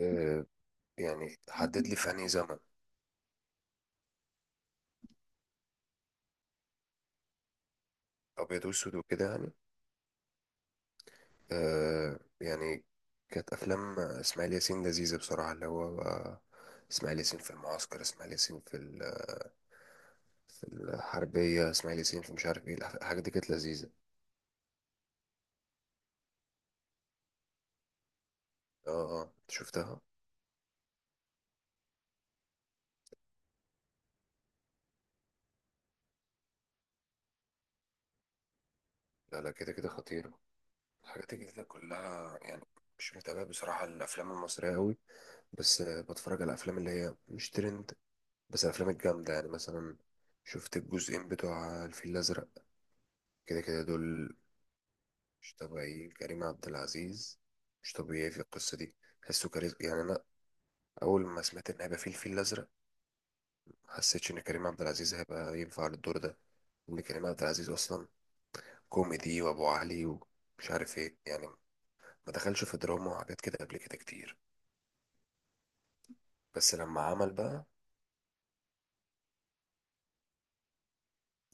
آه، يعني حدد لي في انهي زمن. ابيض واسود وكده يعني. يعني كانت افلام اسماعيل ياسين لذيذه بصراحه اللي هو بقى اسماعيل ياسين في المعسكر، اسماعيل ياسين في الحربيه، اسماعيل ياسين في مش عارف ايه الحاجات دي كانت لذيذه. اه أنت شفتها. لا لا كده كده خطيره الحاجات دي كده كلها يعني. مش متابع بصراحه الافلام المصريه قوي، بس بتفرج على الافلام اللي هي مش ترند، بس الافلام الجامده يعني مثلا. شفت الجزئين بتوع الفيل الازرق. كده كده دول مش طبيعيين، كريم عبد العزيز مش طبيعي في القصة دي. حسه كاريزما يعني. أنا أول ما سمعت إن هيبقى فيه الفيل الأزرق ما حسيتش إن كريم عبد العزيز هيبقى ينفع للدور ده، إن كريم عبد العزيز أصلا كوميدي وأبو علي ومش عارف إيه يعني، ما دخلش في دراما وحاجات كده قبل كده كتير. بس لما عمل بقى،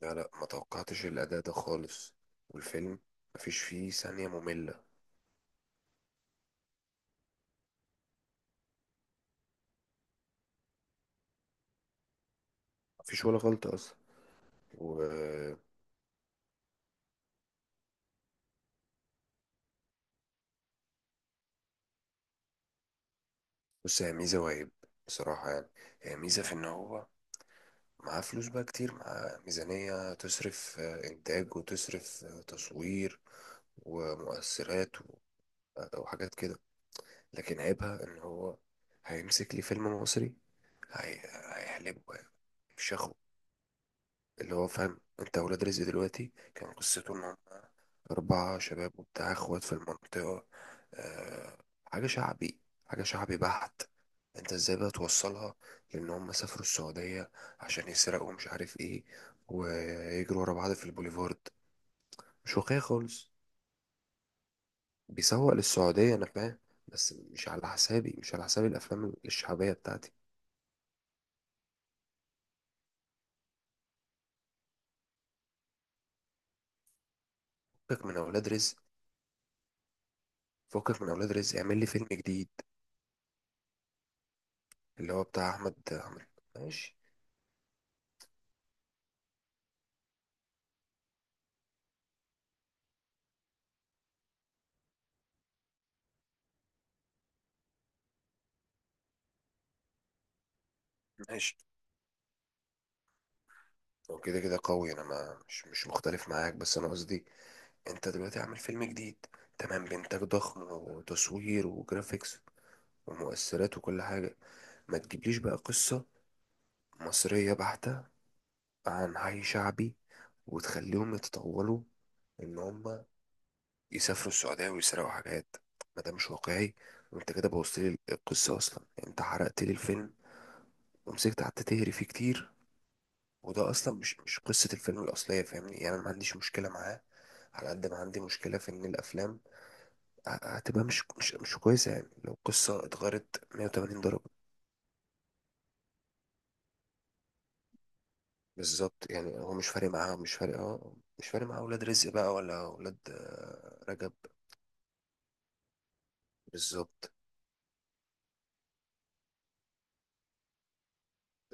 لا لا ما توقعتش الأداء ده خالص، والفيلم مفيش فيه ثانية مملة. مفيش ولا غلطة أصلا. و بص هي ميزة وعيب بصراحة يعني. هي ميزة في إن هو معاه فلوس بقى كتير، معاه ميزانية تصرف، إنتاج وتصرف، تصوير ومؤثرات وحاجات كده. لكن عيبها إن هو هيمسك لي فيلم مصري. هي... هيحلبه يعني، مش ياخد اللي هو فاهم انت. ولاد رزق دلوقتي كان قصته ان أربعة شباب وبتاع إخوات في المنطقة. أه، حاجة شعبي، حاجة شعبي بحت. أنت إزاي بقى توصلها لأن هم سافروا السعودية عشان يسرقوا مش عارف إيه، ويجروا ورا بعض في البوليفارد؟ مش واقعي خالص. بيسوق للسعودية أنا فاهم، بس مش على حسابي، مش على حساب الأفلام الشعبية بتاعتي. فكك من أولاد رزق. فكك من أولاد رزق، اعمل لي فيلم جديد. اللي هو بتاع أحمد. ماشي. ماشي. هو كده كده قوي، أنا ما مش مش مختلف معاك، بس أنا قصدي انت دلوقتي عامل فيلم جديد، تمام، بإنتاج ضخم وتصوير وجرافيكس ومؤثرات وكل حاجة، ما تجيبليش بقى قصة مصرية بحتة عن حي شعبي وتخليهم يتطولوا ان هم يسافروا السعودية ويسرقوا حاجات. ما ده مش واقعي. وانت كده بوظت لي القصة اصلا، انت حرقت لي الفيلم، ومسكت قعدت تهري فيه كتير، وده اصلا مش مش قصة الفيلم الاصلية. فاهمني يعني، انا ما عنديش مشكلة معاه على قد ما عندي مشكلة في ان الافلام هتبقى مش كويسة، يعني لو قصة اتغيرت 180 درجة. بالظبط يعني هو مش فارق معاه، مش فارق، اه مش فارق معاه ولاد رزق بقى ولا ولاد رجب. بالظبط.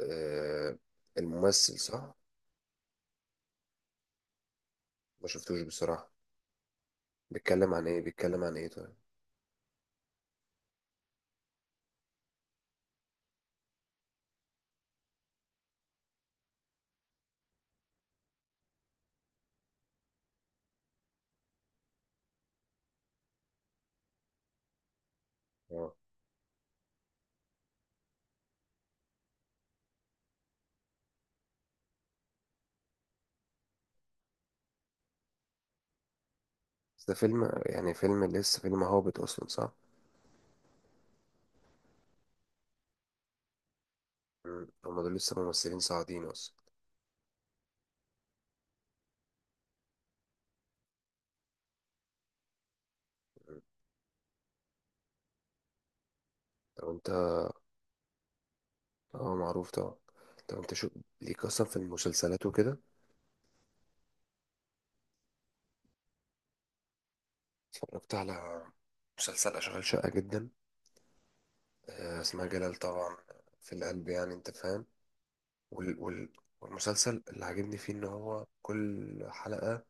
آه، الممثل صح. ما شفتوش بصراحة. بيتكلم عن ايه طيب؟ اه بس ده فيلم، يعني فيلم لسه، فيلم هابط اصلا صح. هما دول لسه ممثلين صاعدين اصلا. طب انت. اه معروف طبعا. طب انت شو ليك اصلا في المسلسلات وكده. اتفرجت على مسلسل اشغال شقة جدا، اسمها جلال طبعا، في القلب يعني انت فاهم. وال والمسلسل اللي عاجبني فيه ان هو كل حلقة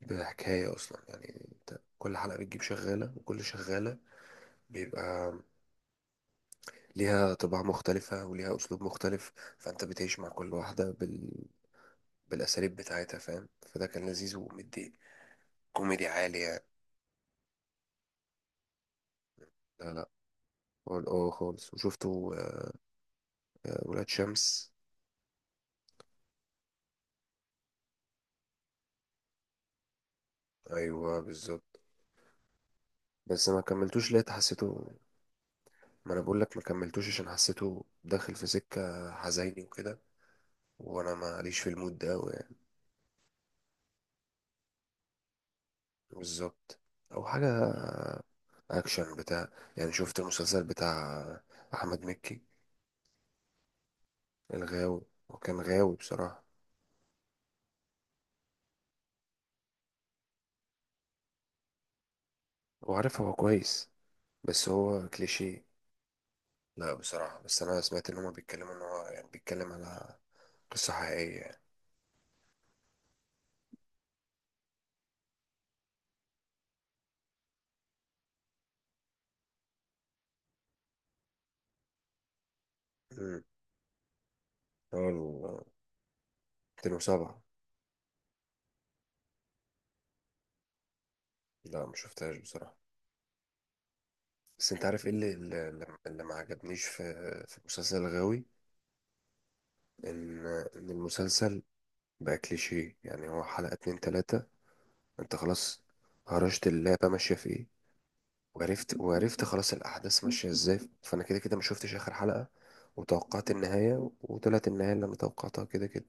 بحكاية اصلا، يعني انت كل حلقة بتجيب شغالة، وكل شغالة بيبقى ليها طباع مختلفة وليها اسلوب مختلف، فانت بتعيش مع كل واحدة بالاساليب بتاعتها فاهم، فده كان لذيذ ومدي كوميدي عالي يعني. لا لا. اه خالص، وشفته ولاد شمس. ايوه بالظبط. بس ما كملتوش، لقيت حسيته. ما انا بقول لك ما كملتوش عشان حسيته داخل في سكة حزيني وكده، وانا ماليش في المود ده أوي يعني. بالظبط. او حاجة اكشن بتاع، يعني شفت المسلسل بتاع احمد مكي؟ الغاوي. وكان غاوي بصراحة. وعارف هو كويس، بس هو كليشيه. لا بصراحة، بس انا سمعت ان هما بيتكلموا ان هو يعني بيتكلم على قصة حقيقية يعني. امم هو ال 2007؟ لا ما شفتهاش بصراحة. بس انت عارف ايه اللي ما عجبنيش في في مسلسل الغاوي؟ ان ان المسلسل بقى كليشيه، يعني هو حلقة اتنين تلاتة انت خلاص هرشت اللعبة ماشية في ايه. وعرفت خلاص الاحداث ماشية ازاي، فانا كده كده ما شفتش اخر حلقة، وتوقعت النهاية، وطلعت النهاية اللي انا توقعتها كده كده.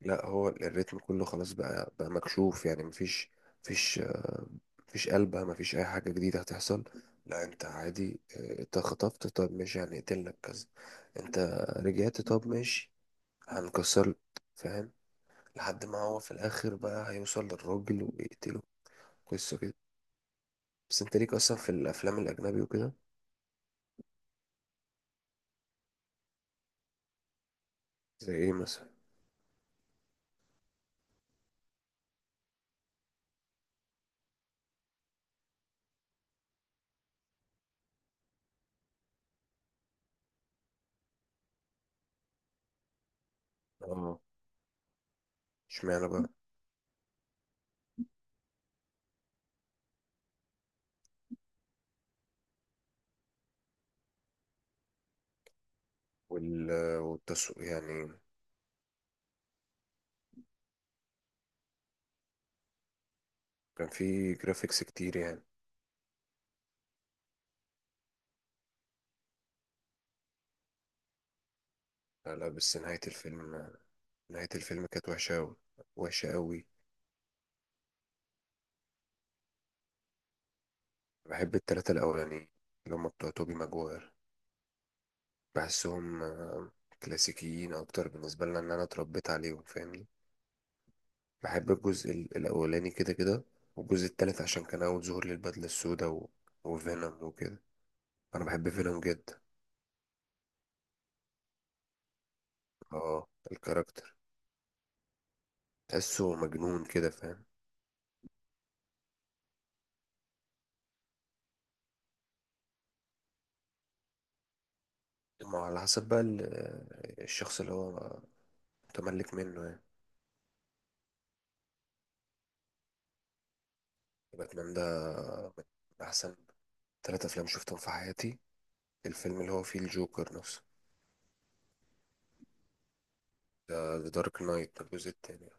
لا هو الريتم كله خلاص بقى مكشوف، يعني مفيش، مفيش آه، مفيش قلبة، مفيش اي حاجة جديدة هتحصل. لا انت عادي، انت خطفت، طب ماشي هنقتلك كذا، انت رجعت، طب ماشي هنكسر، فاهم؟ لحد ما هو في الاخر بقى هيوصل للراجل ويقتله. قصة كده. بس انت ليك اصلا في الافلام الاجنبي وكده؟ زي ايه مثلا؟ اه، اشمعنى بقى. وال والتصوير يعني. كان في جرافيكس كتير يعني. لا لا، بس نهاية الفيلم، نهاية الفيلم كانت وحشة أوي، وحشة أوي. بحب التلاتة الأولانيين اللي هما بتوع توبي ماجواير. بحسهم كلاسيكيين أكتر بالنسبة لنا، إن أنا اتربيت عليهم فاهمني. بحب الجزء الأولاني كده كده، والجزء التالت عشان كان أول ظهور للبدلة السوداء وفينوم وكده. أنا بحب فينوم جدا. اه الكاركتر. تحسه مجنون كده فاهم. ما هو على حسب بقى الشخص اللي هو متملك منه يعني. باتمان ده من أحسن تلات أفلام شفتهم في حياتي، الفيلم اللي هو فيه الجوكر نفسه. ذا دارك نايت، الجزء التاني.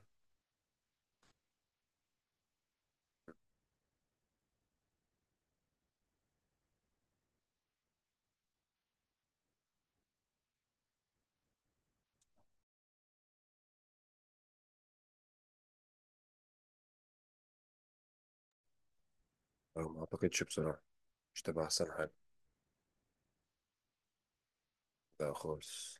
أنا ما أعتقدش بصراحة، مش تبقى أحسن حاجة. ده خالص.